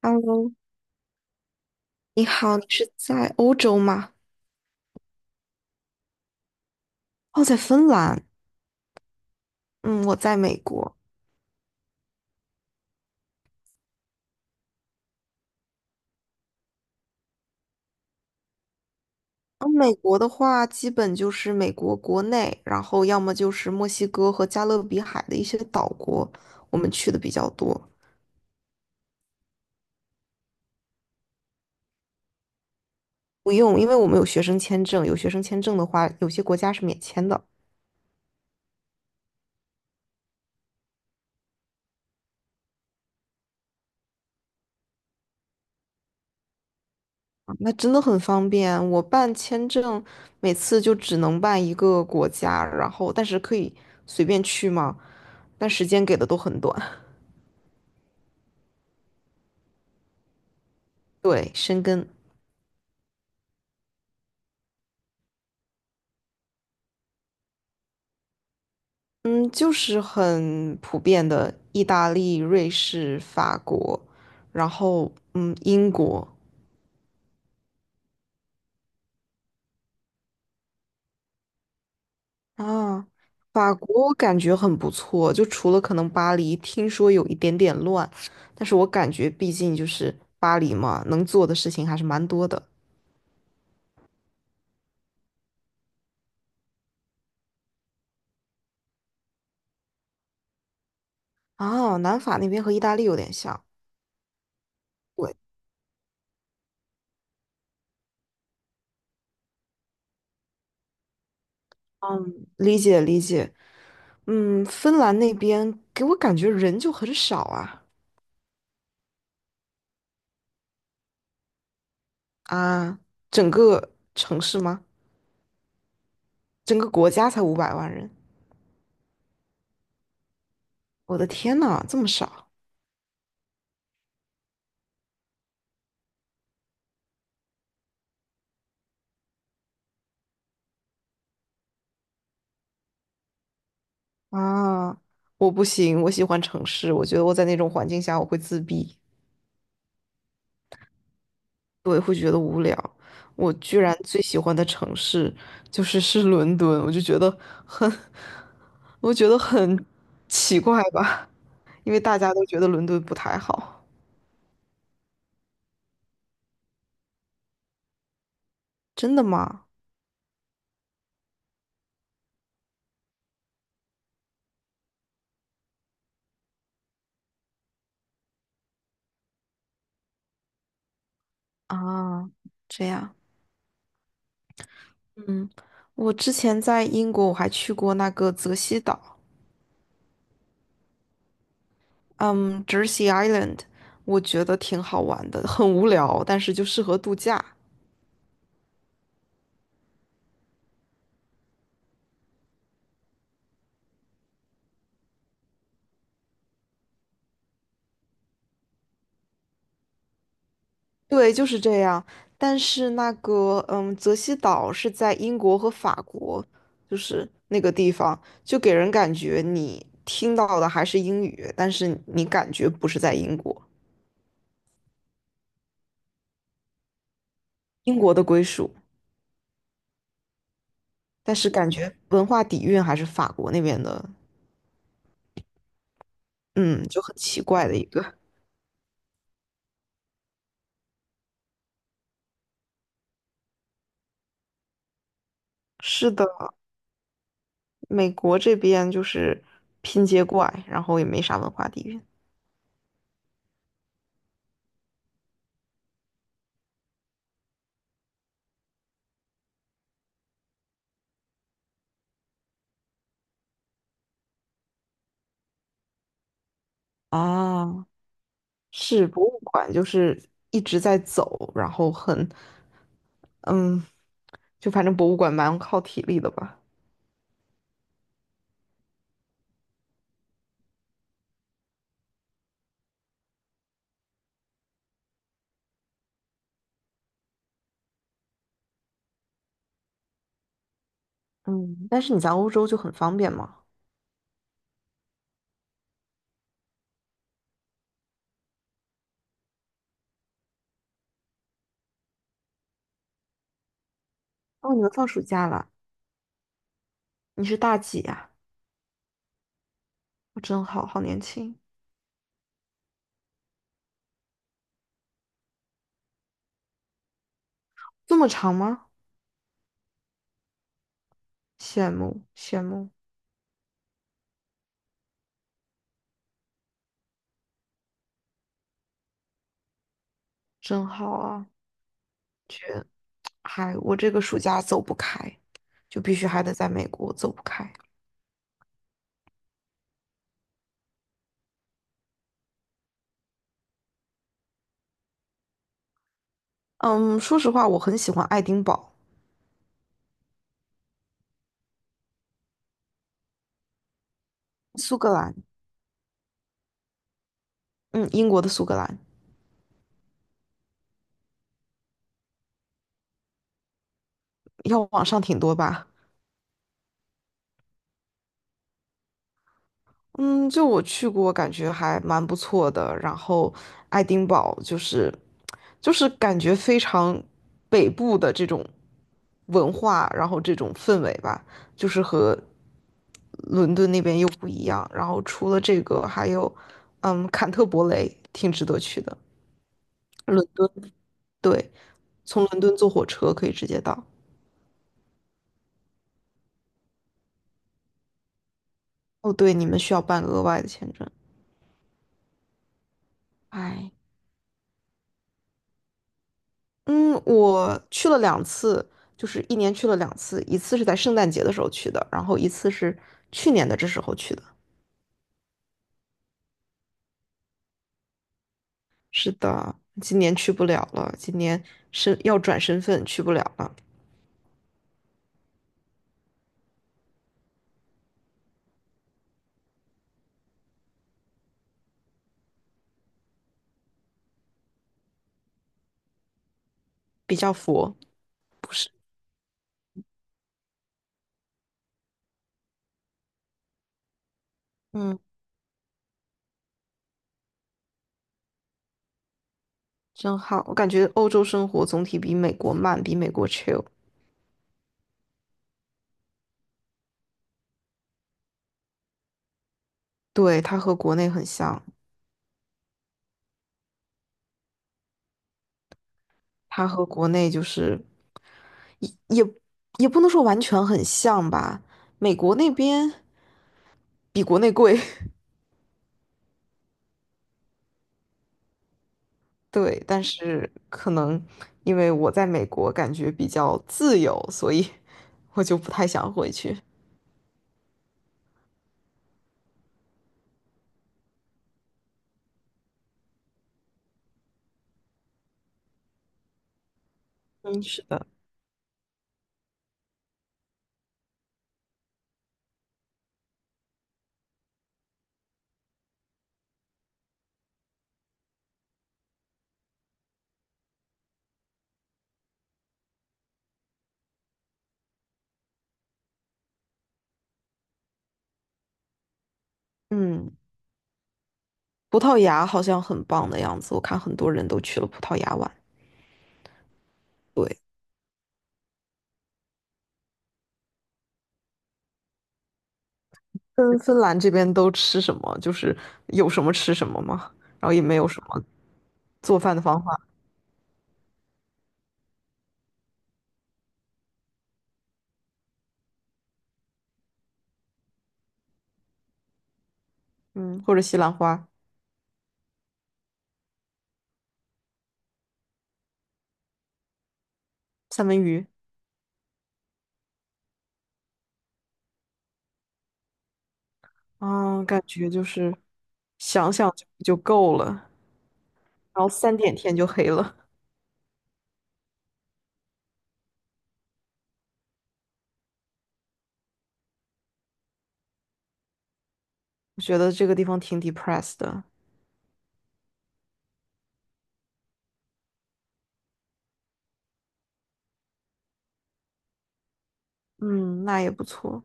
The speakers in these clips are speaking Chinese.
Hello，你好，你是在欧洲吗？哦，在芬兰。嗯，我在美国。嗯，美国的话，基本就是美国国内，然后要么就是墨西哥和加勒比海的一些岛国，我们去的比较多。不用，因为我们有学生签证，有学生签证的话，有些国家是免签的。啊那真的很方便。我办签证，每次就只能办一个国家，然后但是可以随便去嘛，但时间给的都很短。对，申根。嗯，就是很普遍的意大利、瑞士、法国，然后英国啊，法国我感觉很不错，就除了可能巴黎，听说有一点点乱，但是我感觉毕竟就是巴黎嘛，能做的事情还是蛮多的啊。南法那边和意大利有点像，对，嗯，理解理解，嗯，芬兰那边给我感觉人就很少啊啊，整个城市吗？整个国家才500万人，我的天呐，这么少啊！我不行，我喜欢城市，我觉得我在那种环境下我会自闭。我居然最喜欢的城市就是伦敦，我就觉得很，我觉得很奇怪吧，因为大家都觉得伦敦不太好。真的吗？啊，这样，嗯，我之前在英国我还去过那个泽西岛，嗯，Jersey Island，我觉得挺好玩的，很无聊，但是就适合度假。对，就是这样。但是那个，嗯，泽西岛是在英国和法国，就是那个地方，就给人感觉你听到的还是英语，但是你感觉不是在英国，英国的归属，但是感觉文化底蕴还是法国那边的，嗯，就很奇怪的一个。是的，美国这边就是拼接怪，然后也没啥文化底蕴。啊，是博物馆，就是一直在走，然后很，嗯，就反正博物馆蛮靠体力的吧。嗯，但是你在欧洲就很方便嘛。哦，你们放暑假了？你是大几呀？我真好，好年轻。这么长吗？羡慕羡慕，真好啊！嗨，我这个暑假走不开，就必须还得在美国走不开。嗯，说实话，我很喜欢爱丁堡，苏格兰，嗯，英国的苏格兰，要往上挺多吧。嗯，就我去过，感觉还蛮不错的。然后爱丁堡就是，就是感觉非常北部的这种文化，然后这种氛围吧，就是和伦敦那边又不一样。然后除了这个，还有坎特伯雷，挺值得去的。伦敦，对，从伦敦坐火车可以直接到。哦，对，你们需要办额外的签证。哎。嗯，我去了两次，就是一年去了两次，一次是在圣诞节的时候去的，然后一次是去年的这时候去的。是的，今年去不了了，今年是要转身份去不了了，比较佛，不是。嗯，真好，我感觉欧洲生活总体比美国慢，比美国 chill。对，它和国内很像，它和国内就是也也也不能说完全很像吧，美国那边比国内贵。对，但是可能因为我在美国感觉比较自由，所以我就不太想回去。嗯，是的。嗯，葡萄牙好像很棒的样子，我看很多人都去了葡萄牙玩。对，芬兰这边都吃什么？就是有什么吃什么吗？然后也没有什么做饭的方法。嗯，或者西兰花、三文鱼啊，感觉就是想想就够了，然后3点天就黑了。我觉得这个地方挺 depressed 的。嗯，那也不错，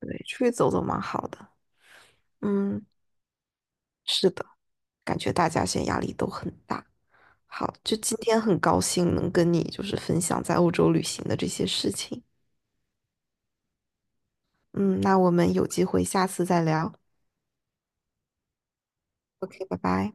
对，出去走走蛮好的。嗯，是的，感觉大家现在压力都很大。好，就今天很高兴能跟你就是分享在欧洲旅行的这些事情。嗯，那我们有机会下次再聊。OK，拜拜。